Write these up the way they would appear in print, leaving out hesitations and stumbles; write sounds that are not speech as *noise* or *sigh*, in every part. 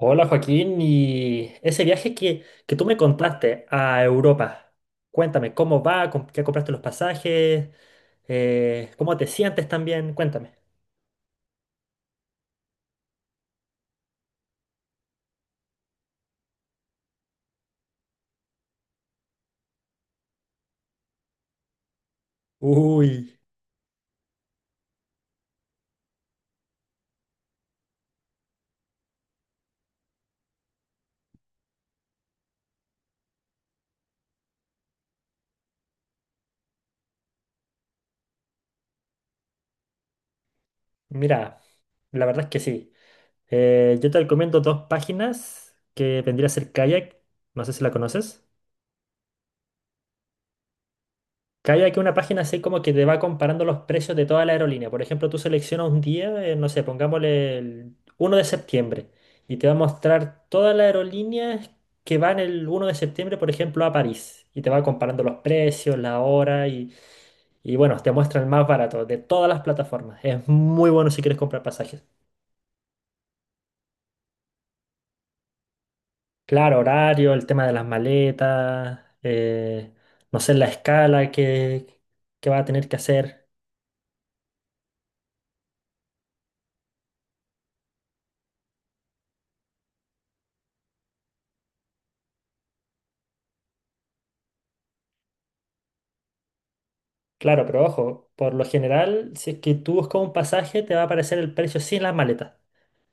Hola Joaquín, y ese viaje que tú me contaste a Europa, cuéntame, ¿cómo va? ¿Qué compraste los pasajes? ¿Cómo te sientes también? Cuéntame. Uy, mira, la verdad es que sí. Yo te recomiendo dos páginas que vendría a ser Kayak, no sé si la conoces. Que hay aquí una página así como que te va comparando los precios de toda la aerolínea. Por ejemplo, tú seleccionas un día, no sé, pongámosle el 1 de septiembre y te va a mostrar todas las aerolíneas que van el 1 de septiembre, por ejemplo, a París. Y te va comparando los precios, la hora y bueno, te muestra el más barato de todas las plataformas. Es muy bueno si quieres comprar pasajes. Claro, horario, el tema de las maletas, no sé, la escala que va a tener que hacer. Claro, pero ojo, por lo general, si es que tú buscas un pasaje, te va a aparecer el precio sin las maletas.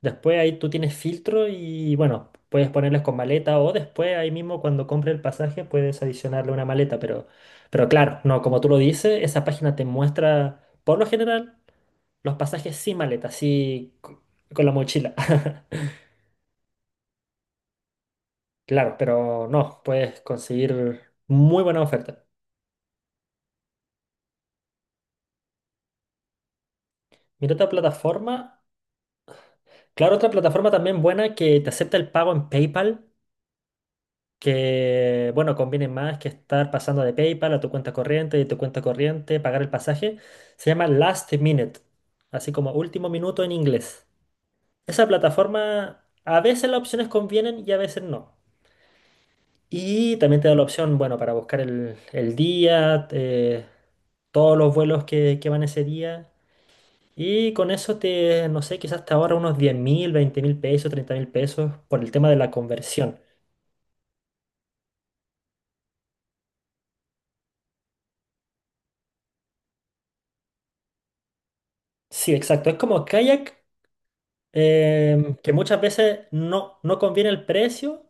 Después ahí tú tienes filtro y bueno, puedes ponerles con maleta o después ahí mismo cuando compres el pasaje puedes adicionarle una maleta, pero claro, no, como tú lo dices, esa página te muestra por lo general los pasajes sin maleta, con la mochila. *laughs* Claro, pero no, puedes conseguir muy buena oferta. Mira otra plataforma. Claro, otra plataforma también buena que te acepta el pago en PayPal, que, bueno, conviene más que estar pasando de PayPal a tu cuenta corriente, de tu cuenta corriente, pagar el pasaje. Se llama Last Minute, así como último minuto en inglés. Esa plataforma, a veces las opciones convienen y a veces no. Y también te da la opción, bueno, para buscar el día, todos los vuelos que van ese día. Y con eso te, no sé, quizás te ahorra unos 10.000, 20.000 pesos, 30.000 pesos por el tema de la conversión. Sí, exacto. Es como Kayak, que muchas veces no conviene el precio,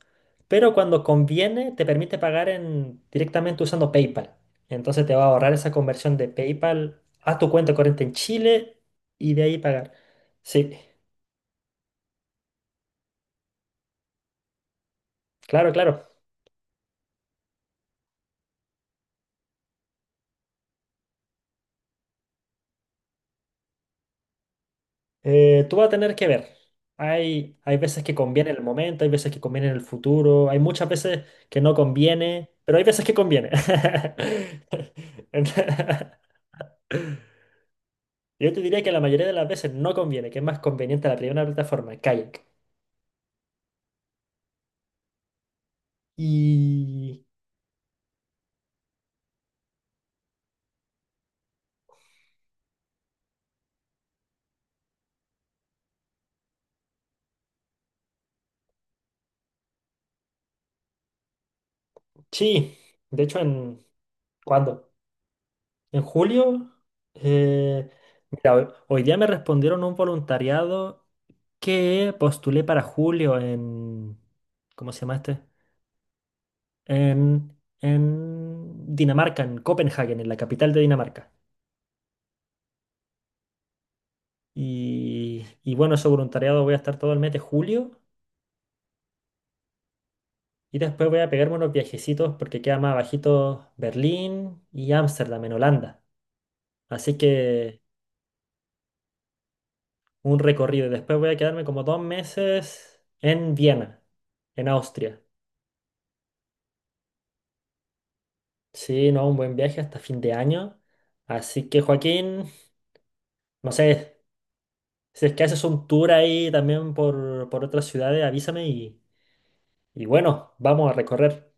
pero cuando conviene te permite pagar en, directamente usando PayPal. Entonces te va a ahorrar esa conversión de PayPal a tu cuenta corriente en Chile y de ahí pagar. Sí, claro, claro. Tú vas a tener que ver. Hay veces que conviene en el momento, hay veces que conviene en el futuro, hay muchas veces que no conviene, pero hay veces que conviene. *laughs* Ent- Yo te diría que la mayoría de las veces no conviene, que es más conveniente la primera plataforma, Kayak. Y sí, de hecho, en ¿cuándo? En julio. eh, Mira, hoy día me respondieron un voluntariado que postulé para julio en, ¿cómo se llama este? en, Dinamarca, en Copenhague, en la capital de Dinamarca. Y bueno, ese voluntariado voy a estar todo el mes de julio. Y después voy a pegarme unos viajecitos porque queda más abajito Berlín y Ámsterdam en Holanda. Así que un recorrido. Y después voy a quedarme como 2 meses en Viena, en Austria. Sí, no, un buen viaje hasta fin de año. Así que Joaquín, no sé, si es que haces un tour ahí también por otras ciudades, avísame y bueno, vamos a recorrer.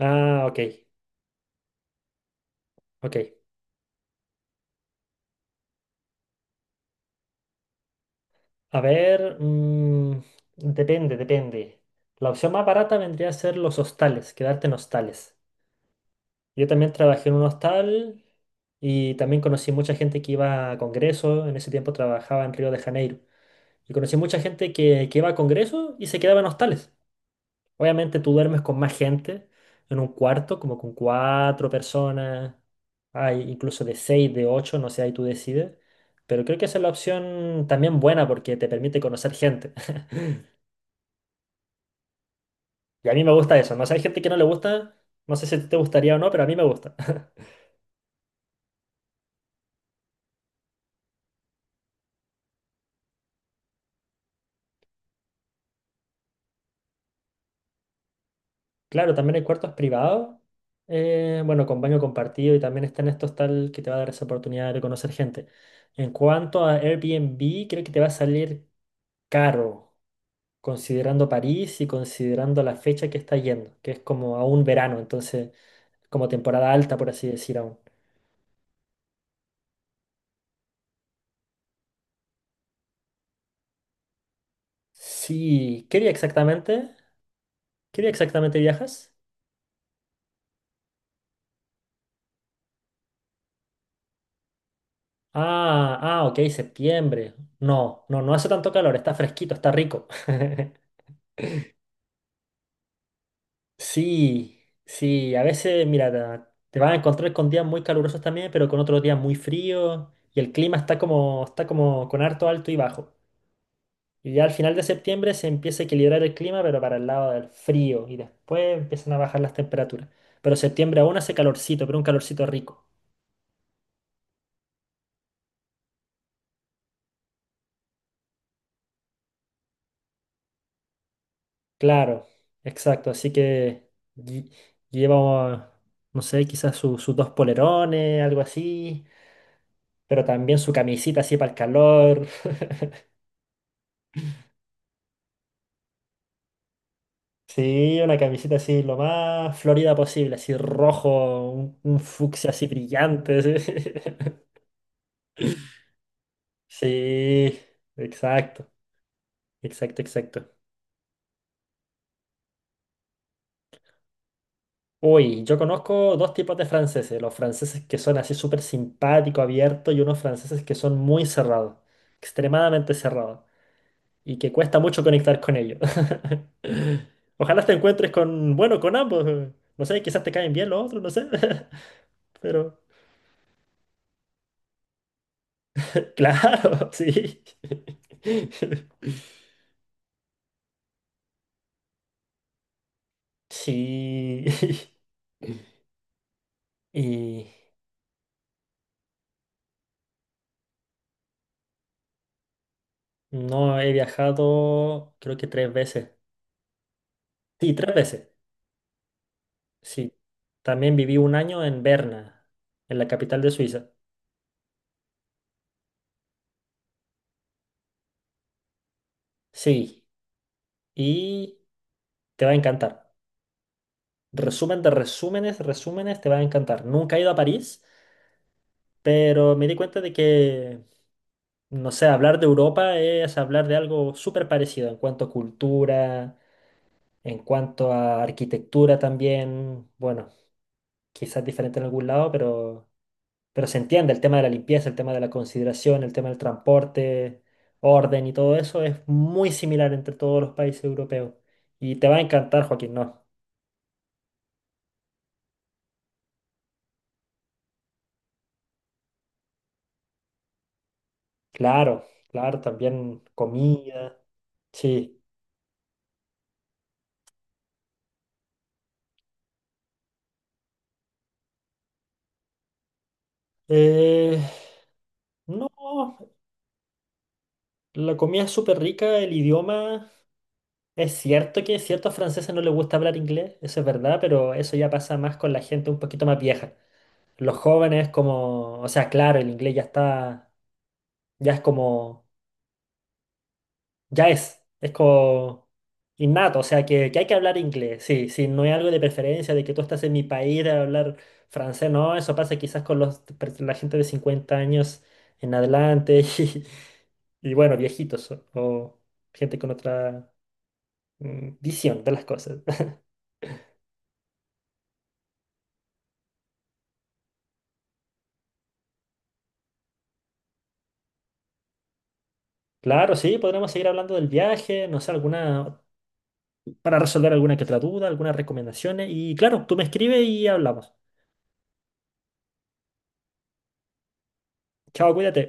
Ah, ok, ok. A ver, depende, depende. La opción más barata vendría a ser los hostales, quedarte en hostales. Yo también trabajé en un hostal y también conocí mucha gente que iba a congresos. En ese tiempo trabajaba en Río de Janeiro. Y conocí mucha gente que iba a congresos y se quedaba en hostales. Obviamente tú duermes con más gente en un cuarto, como con cuatro personas. Hay incluso de seis, de ocho, no sé, ahí tú decides. Pero creo que esa es la opción también buena porque te permite conocer gente. Y a mí me gusta eso. No sé, hay gente que no le gusta, no sé si te gustaría o no, pero a mí me gusta. *laughs* Claro, también hay cuartos privados, bueno, con baño compartido y también están estos tal que te va a dar esa oportunidad de conocer gente. En cuanto a Airbnb, creo que te va a salir caro, considerando París y considerando la fecha que está yendo, que es como a un verano, entonces como temporada alta, por así decir aún. Sí, ¿qué día exactamente? ¿Qué día exactamente viajas? Ah, ah, ok, septiembre. No, no, no hace tanto calor, está fresquito, está rico. *laughs* Sí, sí, a veces, mira, te vas a encontrar con días muy calurosos también, pero con otros días muy fríos y el clima está como con harto alto y bajo. Y ya al final de septiembre se empieza a equilibrar el clima, pero para el lado del frío y después empiezan a bajar las temperaturas. Pero septiembre aún hace calorcito, pero un calorcito rico. Claro, exacto. Así que lle- lleva, no sé, quizás sus dos polerones, algo así, pero también su camisita así para el calor. *laughs* Sí, una camisita así lo más florida posible, así rojo, un fucsia así brillante. Sí, *laughs* sí, exacto, exacto, exacto. Uy, yo conozco dos tipos de franceses, los franceses que son así súper simpáticos, abiertos, y unos franceses que son muy cerrados, extremadamente cerrados, y que cuesta mucho conectar con ellos. *laughs* Ojalá te encuentres con, bueno, con ambos. No sé, quizás te caen bien los otros, no sé. *laughs* Pero, claro, *laughs* sí. *laughs* Sí. *laughs* Y no he viajado, creo que tres veces. Sí, tres veces. Sí. También viví un año en Berna, en la capital de Suiza. Sí. Y te va a encantar. Resumen de resúmenes, resúmenes, te va a encantar. Nunca he ido a París, pero me di cuenta de que, no sé, hablar de Europa es hablar de algo súper parecido en cuanto a cultura, en cuanto a arquitectura también. Bueno, quizás diferente en algún lado, pero... Pero se entiende el tema de la limpieza, el tema de la consideración, el tema del transporte, orden y todo eso es muy similar entre todos los países europeos. Y te va a encantar, Joaquín, ¿no? Claro, claro, también comida, sí. Eh, no, la comida es súper rica, el idioma, es cierto que ciertos franceses no les gusta hablar inglés, eso es verdad, pero eso ya pasa más con la gente un poquito más vieja. Los jóvenes como, o sea, claro, el inglés ya está, ya es como ya es como innato, o sea que hay que hablar inglés, sí, sí, no hay algo de preferencia de que tú estás en mi país de hablar francés, no, eso pasa quizás con los, la gente de 50 años en adelante *laughs* y bueno, viejitos o gente con otra visión de las cosas. *laughs* Claro, sí, podremos seguir hablando del viaje, no sé, alguna, para resolver alguna que otra duda, algunas recomendaciones y claro, tú me escribes y hablamos. Chao, cuídate.